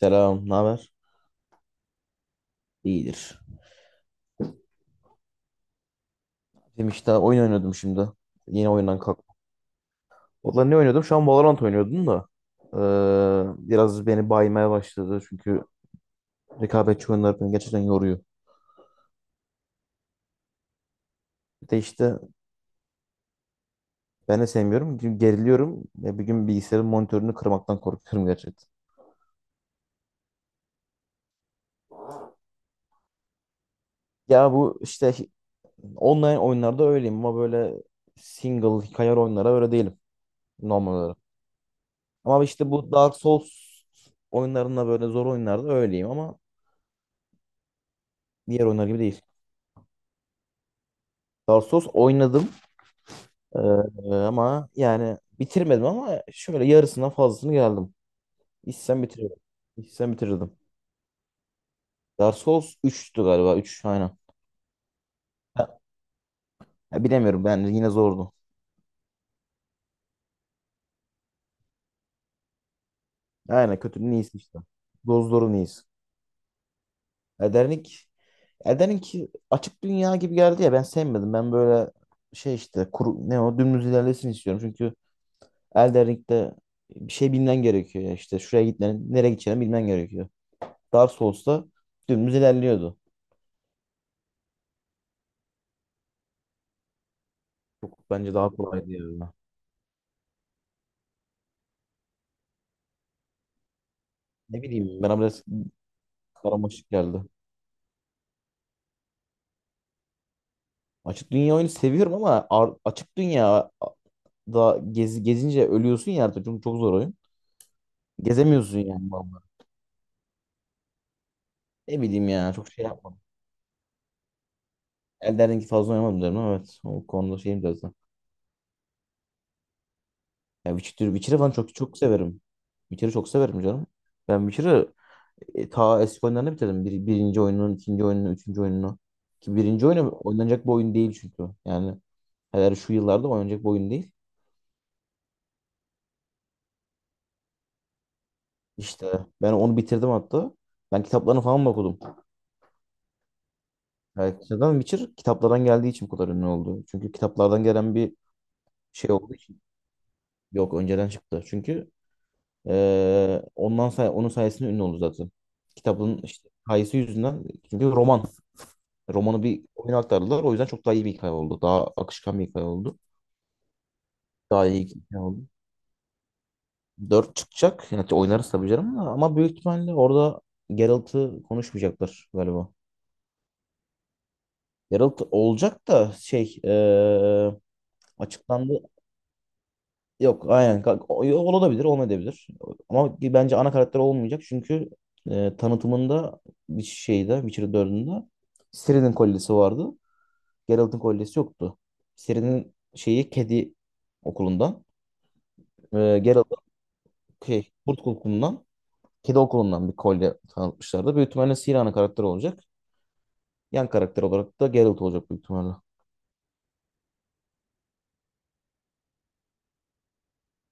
Selam, ne haber? İyidir. Benim işte oyun oynuyordum şimdi. Yeni oyundan kalktım. Valla ne oynuyordum? Şu an Valorant oynuyordum da. Biraz beni baymaya başladı. Çünkü rekabetçi oyunlar beni gerçekten yoruyor. Bir de işte ben de sevmiyorum. Çünkü geriliyorum. Ve bir gün bilgisayarın monitörünü kırmaktan korkuyorum gerçekten. Ya bu işte online oyunlarda öyleyim ama böyle single hikaye oyunlara öyle değilim normal olarak. Ama işte bu Dark Souls oyunlarında böyle zor oyunlarda öyleyim ama diğer oyunlar gibi değil. Darsos oynadım. Ee, ama yani bitirmedim ama şöyle yarısından fazlasını geldim. İçsem bitirirdim. İçsem bitirirdim. Dark Souls 3'tü galiba 3 aynen. Ha, ya bilemiyorum ben yine zordu. Aynen kötünün iyisi işte. Dozların iyisi. Elden Ring, Elden Ring açık dünya gibi geldi ya ben sevmedim. Ben böyle şey işte kuru, ne o dümdüz ilerlesin istiyorum. Çünkü Elden Ring'de bir şey bilmen gerekiyor ya işte şuraya gitmen nereye gideceğini bilmen gerekiyor. Dark Souls'ta dümdüz ilerliyordu. Bence daha kolaydı ya. Ne bileyim bana biraz karmaşık geldi. Açık dünya oyunu seviyorum ama açık dünya da gez gezince ölüyorsun ya artık çünkü çok zor oyun. Gezemiyorsun yani vallahi. Ne bileyim ya çok şey yapmadım. Elden Ring'i fazla oynamadım derim ama evet. O konuda şeyim biraz da. Ya Witcher'ı falan çok çok severim. Witcher'ı çok severim canım. Ben Witcher'ı ta eski oyunlarını bitirdim. Birinci oyunun, ikinci oyunun, üçüncü oyununu. Ki birinci oyunu oynanacak bir oyun değil çünkü. Yani hele şu yıllarda oynanacak bir oyun değil. İşte ben onu bitirdim hatta. Ben kitaplarını falan mı okudum. Yani neden Witcher kitaplardan geldiği için bu kadar ünlü oldu. Çünkü kitaplardan gelen bir şey olduğu için. Yok önceden çıktı. Çünkü ondan say onun sayesinde ünlü oldu zaten. Kitabın işte hikayesi yüzünden. Çünkü roman. Romanı bir oyuna aktardılar. O yüzden çok daha iyi bir hikaye oldu. Daha akışkan bir hikaye oldu. Daha iyi bir hikaye oldu. 4 çıkacak. Yani oynarız tabii canım da. Ama büyük ihtimalle orada Geralt'ı konuşmayacaklar galiba. Geralt olacak da şey açıklandı. Yok aynen olabilir olmayabilir. Ama bence ana karakter olmayacak çünkü tanıtımında bir şeyde Witcher dördünde Ciri'nin kolyesi vardı. Geralt'ın kolyesi yoktu. Ciri'nin şeyi kedi okulundan Geralt'ın şey, kurt okulundan kedi okulundan bir kolye tanıtmışlardı. Büyük ihtimalle Ciri ana karakter olacak. Yan karakter olarak da Geralt olacak büyük ihtimalle.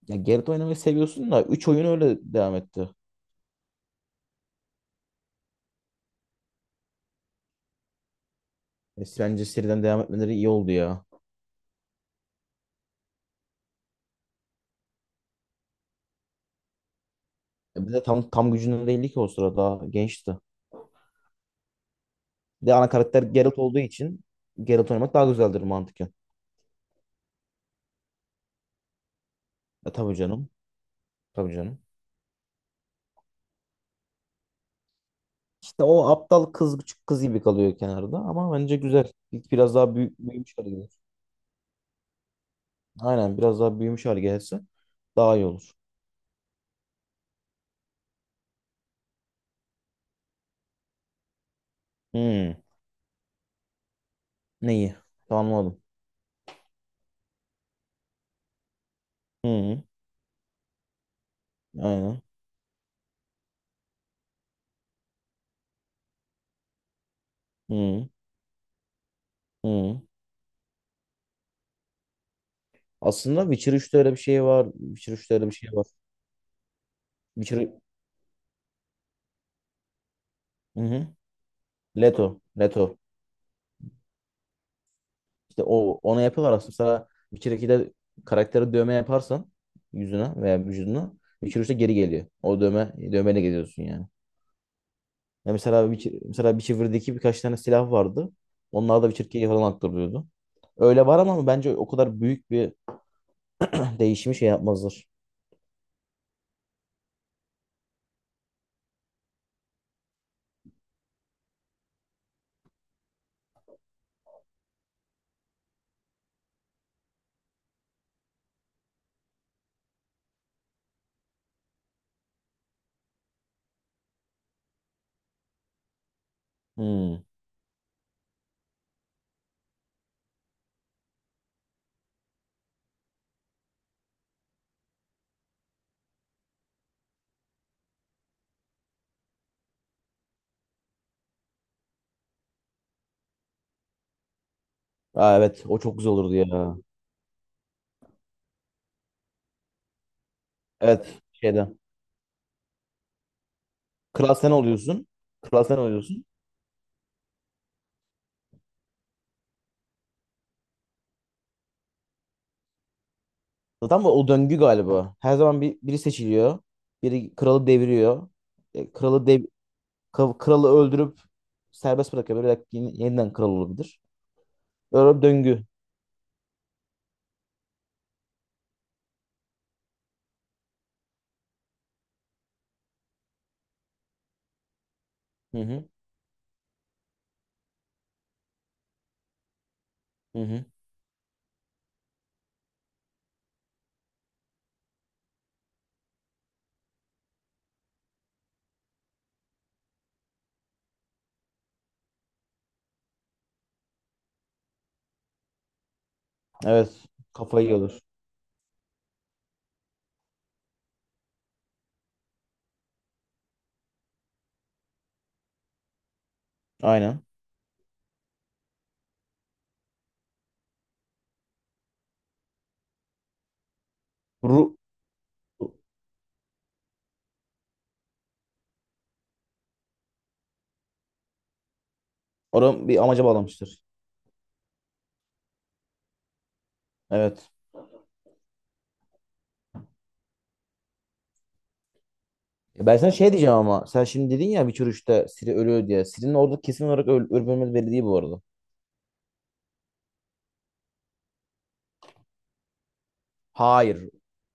Ya Geralt oynamayı seviyorsun da 3 oyun öyle devam etti. E, bence seriden devam etmeleri iyi oldu ya. E, bir de tam gücünde değildi ki o sırada. Daha gençti. Bir de ana karakter Geralt olduğu için Geralt oynamak daha güzeldir mantıken. E, tabii canım. Tabii canım. İşte o aptal kız küçük kız gibi kalıyor kenarda ama bence güzel. Biraz daha büyümüş hale gelir. Aynen biraz daha büyümüş hale gelirse daha iyi olur. Hmm. Neyi? Tamam, anladım. Hmm. Aynen. Hmm. Hmm. Aslında Witcher 3'te öyle bir şey var. Witcher 3'te öyle bir şey var. Witcher... Hı hı. Leto. Leto. İşte o ona yapıyorlar aslında. Mesela Witcher 2'de karaktere dövme yaparsan yüzüne veya vücuduna Witcher 3'te geri geliyor. O dövmeyle geziyorsun yani. Ya mesela Witcher'daki birkaç tane silah vardı. Onlar da Witcher 2'ye falan aktarılıyordu. Öyle var ama bence o kadar büyük bir değişimi şey yapmazlar. Hmm. Aa, evet o çok güzel olurdu ya. Evet şeyde. Kral sen oluyorsun. Kral sen oluyorsun. Zaten bu o döngü galiba. Her zaman biri seçiliyor. Biri kralı deviriyor. E, kralı deviriyor Kralı öldürüp serbest bırakabilir. Belki yeniden kral olabilir. Böyle bir döngü. Hı hı. Hı hı. Evet. Kafayı yiyorlar. Aynen. Ru Oran bir amaca bağlamıştır. Evet. E, ben sana şey diyeceğim ama sen şimdi dedin ya Witcher 3'te Ciri ölüyor diye. Ciri'nin orada kesin olarak ölüp ölmediği belli değil bu arada. Hayır.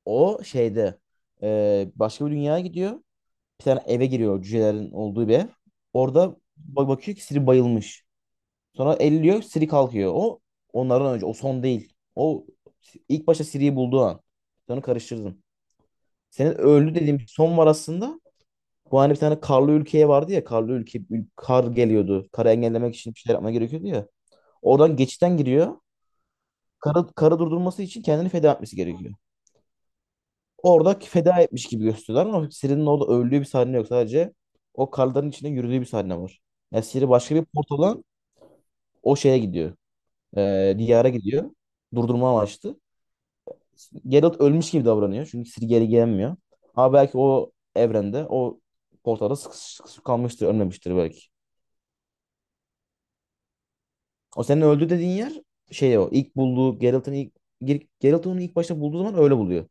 O şeyde başka bir dünyaya gidiyor. Bir tane eve giriyor cücelerin olduğu bir ev. Orada bakıyor ki Ciri bayılmış. Sonra elliyor Siri kalkıyor. O onlardan önce. O son değil. O ilk başta Siri'yi bulduğu an. Sonra karıştırdın. Senin öldü dediğim son var aslında. Bu hani bir tane karlı ülkeye vardı ya. Karlı ülke kar geliyordu. Karı engellemek için bir şeyler yapma gerekiyordu ya. Oradan geçitten giriyor. Karı durdurması için kendini feda etmesi gerekiyor. Orada feda etmiş gibi gösteriyorlar ama Siri'nin orada öldüğü bir sahne yok. Sadece o karların içinde yürüdüğü bir sahne var. Yani Siri başka bir portaldan o şeye gidiyor. Diyara gidiyor. Durdurma amaçlı. Geralt ölmüş gibi davranıyor. Çünkü Ciri geri gelmiyor. Ama belki o evrende o portalda sıkışıp sıkışıp kalmıştır. Ölmemiştir belki. O senin öldü dediğin yer şey o. ilk bulduğu Geralt'ın ilk Geralt onu ilk başta bulduğu zaman öyle buluyor.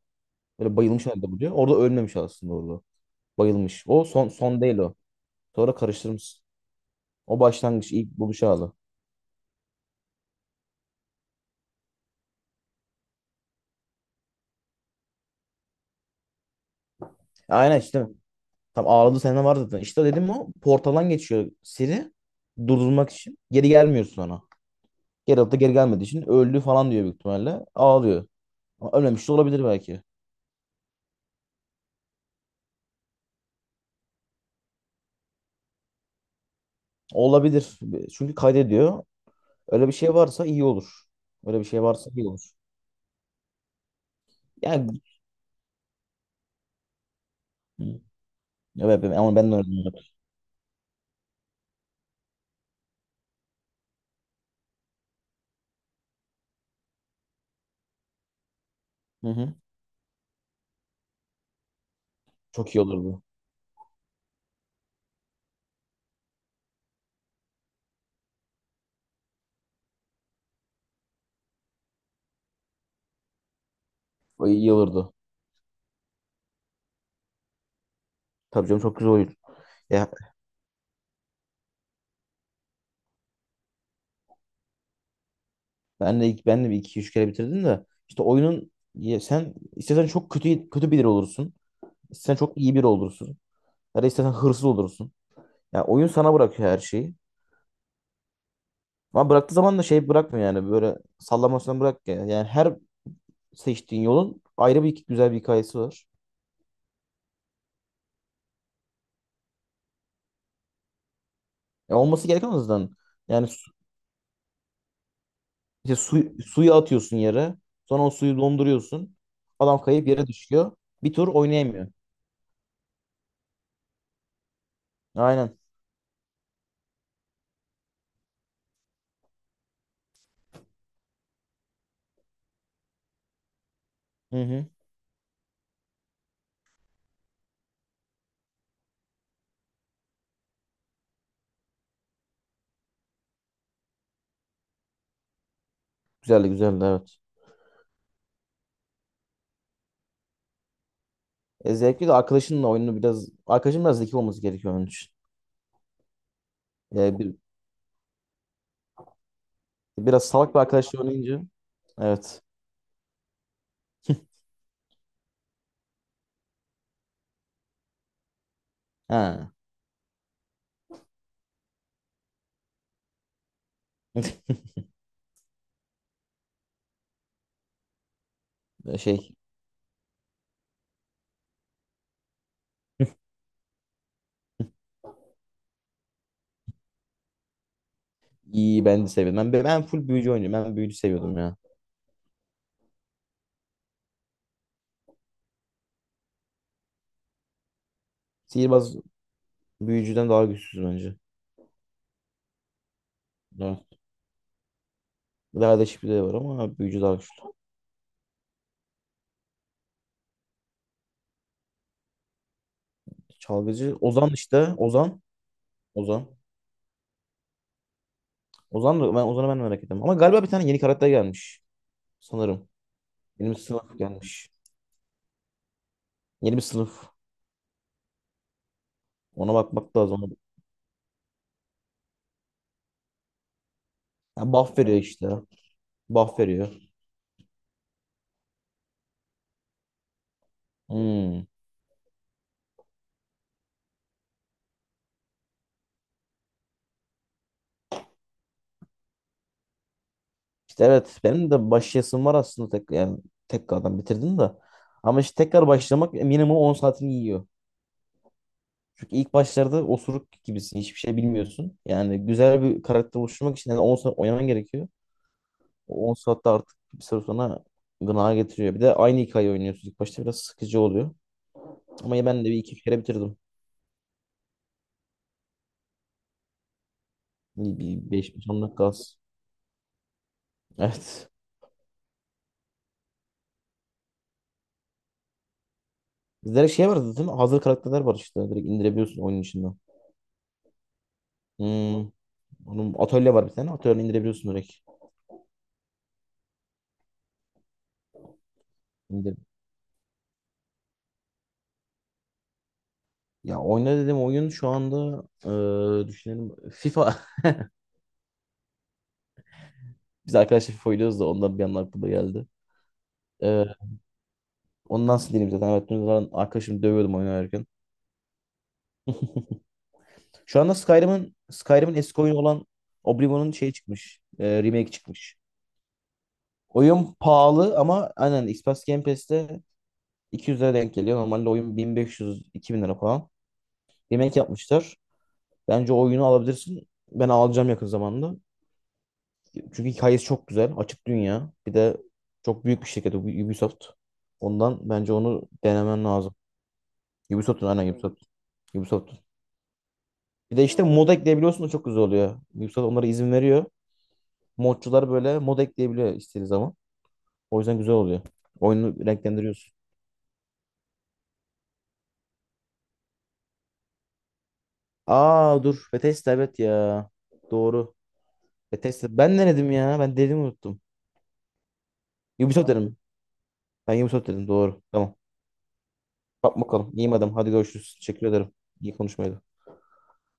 Böyle bayılmış halde buluyor. Orada ölmemiş aslında orada. Bayılmış. O son son değil o. Sonra karıştırmış. O başlangıç ilk buluş anı. Aynen işte. Tam ağladı sene var zaten. İşte dedim o portaldan geçiyor Siri durdurmak için. Geri gelmiyor sonra. Geralt da geri gelmediği için öldü falan diyor büyük ihtimalle. Ağlıyor. Ama ölmemiş de olabilir belki. Olabilir. Çünkü kaydediyor. Öyle bir şey varsa iyi olur. Öyle bir şey varsa iyi olur. Yani hı, evet, ben ama ben de öyle düşünüyorum. Hı hı. Çok iyi olurdu. İyi olurdu. Tabii canım çok güzel oyun. Ya ben de bir iki üç kere bitirdim de işte oyunun ya sen istesen çok kötü kötü biri olursun. İstesen çok iyi biri olursun. Ya da istesen hırsız olursun. Ya oyun sana bırakıyor her şeyi. Ama bıraktığı zaman da şey bırakmıyor yani böyle sallamasına bırak ya. Yani her seçtiğin yolun ayrı bir güzel bir hikayesi var. Ya olması gereken o yüzden. Yani suyu atıyorsun yere. Sonra o suyu donduruyorsun. Adam kayıp yere düşüyor. Bir tur oynayamıyor. Aynen. Hı hı. Güzeldi güzeldi evet. E, zevkli de arkadaşınla oyunu biraz arkadaşın biraz zeki olması gerekiyor onun için. E, biraz salak bir arkadaşla oynayınca evet. Ha. Şey iyi ben de seviyorum. Ben full büyücü oynuyorum. Ben büyücü seviyordum ya. Sihirbaz büyücüden daha güçsüz bence. Evet. Lale şifre var ama büyücü daha güçlü. Çalgıcı Ozan işte. Ozan. Ozan. Ozan da ben Ozan'ı ben de merak ettim. Ama galiba bir tane yeni karakter gelmiş. Sanırım. Yeni bir sınıf gelmiş. Yeni bir sınıf. Ona bakmak lazım. Yani buff veriyor işte. Buff veriyor. Hmm. İşte evet benim de başlayasım var aslında tek yani tekrardan bitirdim de. Ama işte tekrar başlamak minimum 10 saatini yiyor. İlk başlarda osuruk gibisin. Hiçbir şey bilmiyorsun. Yani güzel bir karakter oluşturmak için yani 10 saat oynaman gerekiyor. O 10 saatte artık bir süre sonra gına getiriyor. Bir de aynı hikayeyi oynuyorsun. İlk başta biraz sıkıcı oluyor. Ama ben de bir iki kere bitirdim. Bir beş 10 dakika az. Evet. Direkt şey var zaten. Hazır karakterler var işte. Direkt indirebiliyorsun oyunun içinden. Hmm. Onun atölye var bir tane. Atölye indirebiliyorsun direkt. İndir. Ya oyna dedim oyun şu anda düşünelim FIFA. Biz arkadaşlar FIFA oynuyoruz da ondan bir anda aklıma geldi. Ondan sildim zaten. Evet, dün zaten arkadaşımı dövüyordum oyun oynarken. Şu anda Skyrim'in eski oyunu olan Oblivion'un şey çıkmış. Remake çıkmış. Oyun pahalı ama aynen Xbox Game Pass'te 200 lira denk geliyor. Normalde oyun 1500-2000 lira falan. Remake yapmışlar. Bence o oyunu alabilirsin. Ben alacağım yakın zamanda. Çünkü hikayesi çok güzel. Açık dünya. Bir de çok büyük bir şirket Ubisoft. Ondan bence onu denemen lazım. Ubisoft'un aynen. Hmm. Ubisoft. Ubisoft. Bir de işte mod ekleyebiliyorsun da çok güzel oluyor. Ubisoft onlara izin veriyor. Modcular böyle mod ekleyebiliyor istediği zaman. O yüzden güzel oluyor. Oyunu renklendiriyorsun. Aa dur. Bethesda evet ya. Doğru. Bethesda. Ben ne dedim ya? Ben dediğimi unuttum. Ubisoft dedim. Ben Ubisoft dedim. Doğru. Tamam. Bak bakalım. İyiyim adam. Hadi görüşürüz. Teşekkür ederim. İyi konuşmaydı.